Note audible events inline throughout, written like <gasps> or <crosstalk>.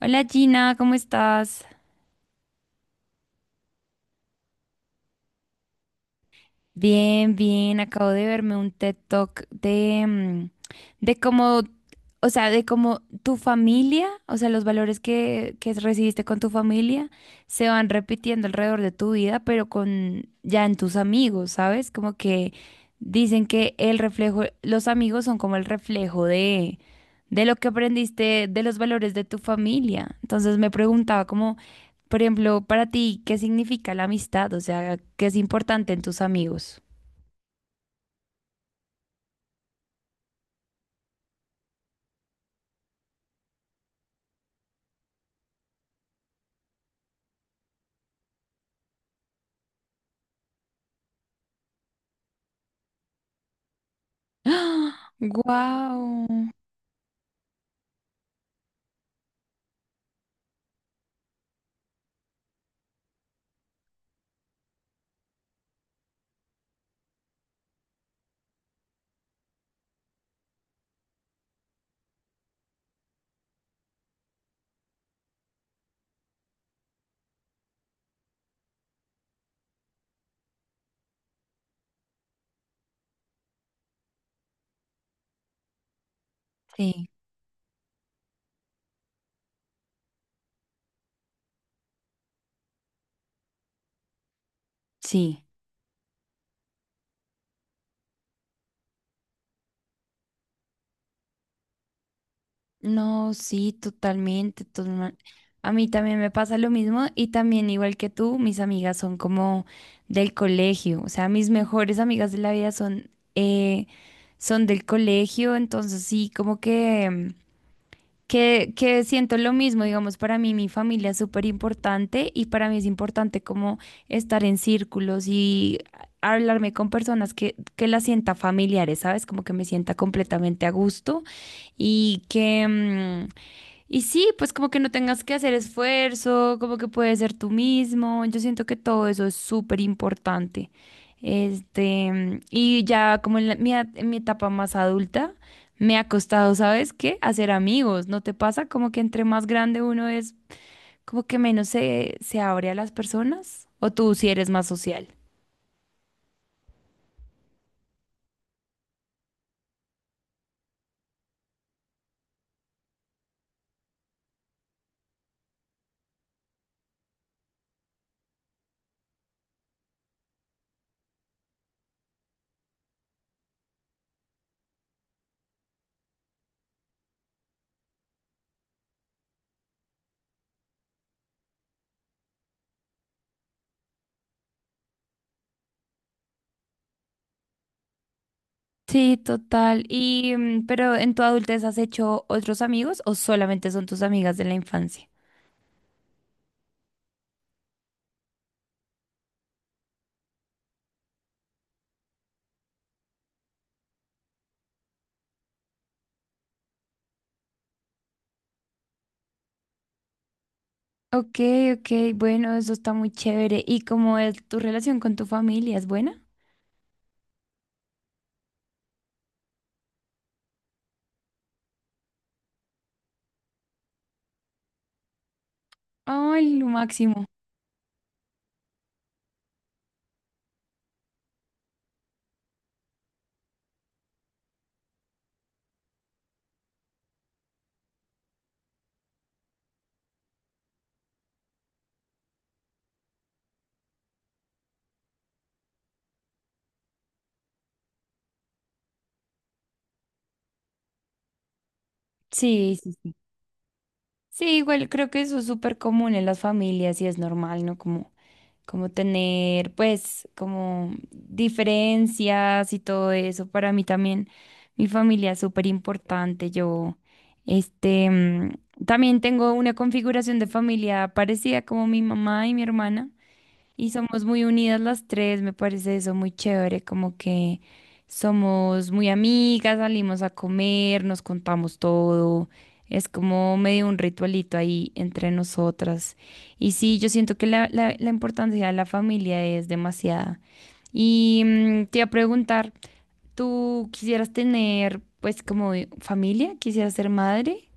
Hola, Gina, ¿cómo estás? Bien, bien, acabo de verme un TED Talk de cómo, de cómo tu familia, o sea, los valores que recibiste con tu familia se van repitiendo alrededor de tu vida, pero con ya en tus amigos, ¿sabes? Como que dicen que el reflejo, los amigos son como el reflejo de lo que aprendiste, de los valores de tu familia. Entonces me preguntaba cómo. Por ejemplo, para ti, ¿qué significa la amistad? O sea, ¿qué es importante en tus amigos? <gasps> ¡Wow! Sí, sí. No, sí, totalmente, totalmente. A mí también me pasa lo mismo y también igual que tú, mis amigas son como del colegio, o sea, mis mejores amigas de la vida son, son del colegio, entonces sí, como que... que siento lo mismo, digamos, para mí mi familia es súper importante y para mí es importante como estar en círculos y hablarme con personas que las sienta familiares, ¿sabes? Como que me sienta completamente a gusto y que, y sí, pues como que no tengas que hacer esfuerzo, como que puedes ser tú mismo. Yo siento que todo eso es súper importante. Este, y ya como en, en mi etapa más adulta, me ha costado, ¿sabes qué? Hacer amigos. ¿No te pasa como que entre más grande uno es, como que menos se abre a las personas? ¿O tú si eres más social? Sí, total. Y, pero en tu adultez, ¿has hecho otros amigos o solamente son tus amigas de la infancia? Ok, ok, bueno, eso está muy chévere. ¿Y cómo es tu relación con tu familia? ¿Es buena? Ay, lo máximo. Sí, sí, sí. Sí, igual creo que eso es súper común en las familias y es normal, ¿no? Como, como tener, pues, como diferencias y todo eso. Para mí también, mi familia es súper importante. Yo, este, también tengo una configuración de familia parecida como mi mamá y mi hermana. Y somos muy unidas las tres, me parece eso muy chévere, como que somos muy amigas, salimos a comer, nos contamos todo. Es como medio un ritualito ahí entre nosotras. Y sí, yo siento que la importancia de la familia es demasiada. Y te iba a preguntar, ¿tú quisieras tener pues como familia? ¿Quisieras ser madre?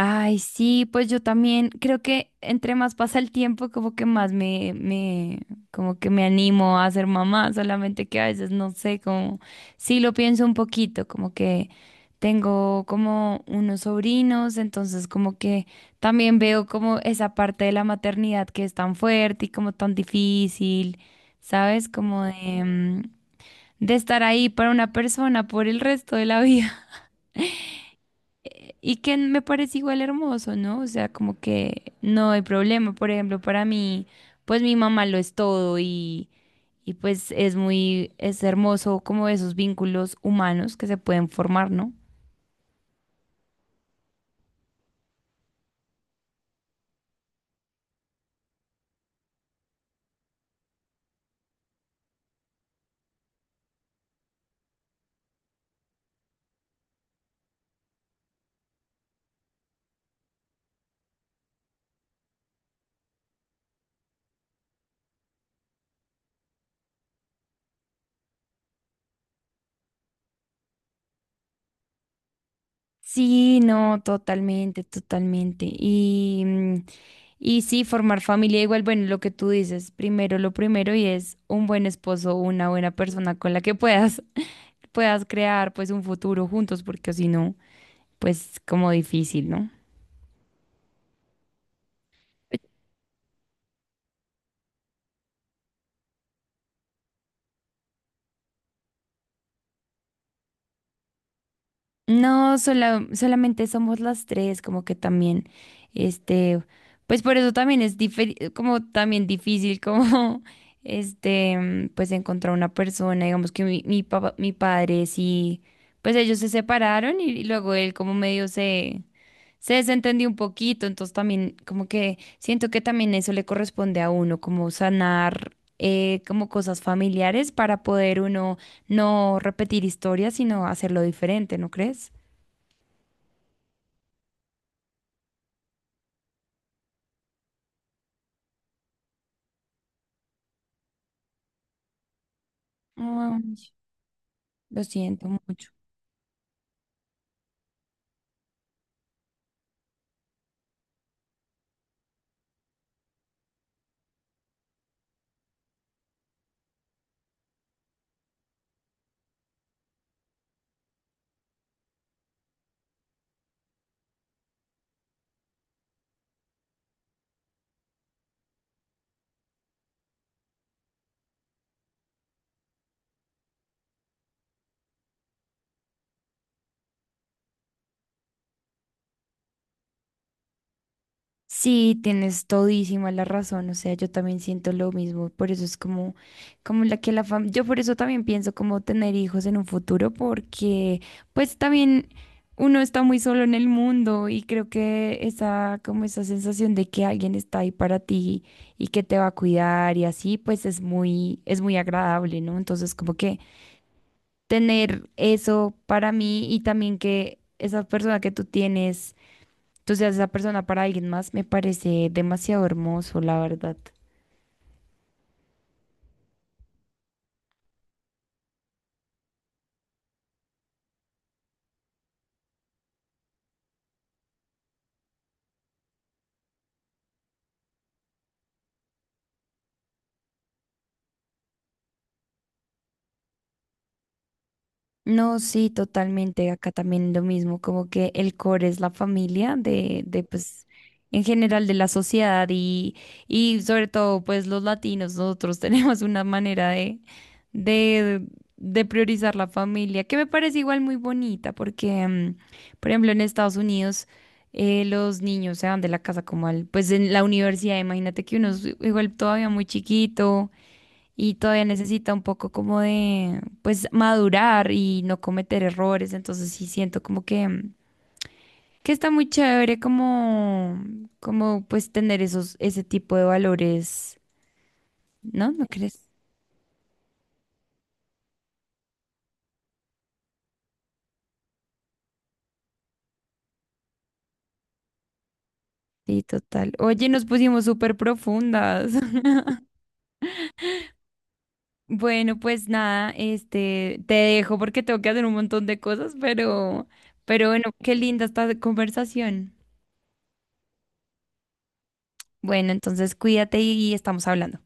Ay, sí, pues yo también creo que entre más pasa el tiempo, como que más como que me animo a ser mamá, solamente que a veces no sé, como, sí lo pienso un poquito, como que tengo como unos sobrinos, entonces como que también veo como esa parte de la maternidad que es tan fuerte y como tan difícil, ¿sabes? Como de, de estar ahí para una persona por el resto de la <laughs> vida y que me parece igual hermoso, ¿no? O sea, como que no hay problema. Por ejemplo, para mí, pues mi mamá lo es todo y pues es muy, es hermoso como esos vínculos humanos que se pueden formar, ¿no? Sí, no, totalmente, totalmente. Y, y sí, formar familia igual, bueno, lo que tú dices, primero lo primero y es un buen esposo, una buena persona con la que puedas, <laughs> puedas crear pues un futuro juntos, porque si no, pues como difícil, ¿no? No, solamente somos las tres, como que también, este, pues por eso también es como también difícil, como, <laughs> este, pues encontrar una persona, digamos que mi papá, mi padre sí, pues ellos se separaron y luego él como medio se desentendió un poquito, entonces también como que siento que también eso le corresponde a uno, como sanar. Eh, como cosas familiares para poder uno no repetir historias, sino hacerlo diferente, ¿no crees? Ay, lo siento mucho. Sí, tienes todísima la razón, o sea, yo también siento lo mismo, por eso es como, como la que la familia, yo por eso también pienso como tener hijos en un futuro, porque pues también uno está muy solo en el mundo y creo que esa, como esa sensación de que alguien está ahí para ti y que te va a cuidar y así, pues es muy agradable, ¿no? Entonces como que tener eso para mí y también que esa persona que tú tienes. Entonces, esa persona para alguien más me parece demasiado hermoso, la verdad. No, sí, totalmente. Acá también lo mismo, como que el core es la familia de pues, en general de la sociedad y sobre todo, pues, los latinos, nosotros <laughs> tenemos una manera de, de priorizar la familia, que me parece igual muy bonita, porque, por ejemplo, en Estados Unidos, los niños se van de la casa como al, pues, en la universidad, imagínate que uno es igual todavía muy chiquito y todavía necesita un poco como de, pues, madurar y no cometer errores. Entonces sí siento como que, que está muy chévere como, como pues tener esos, ese tipo de valores, ¿no? ¿No crees? Sí, total. Oye, nos pusimos súper profundas. <laughs> Bueno, pues nada, este, te dejo porque tengo que hacer un montón de cosas, pero bueno, qué linda esta conversación. Bueno, entonces cuídate y estamos hablando.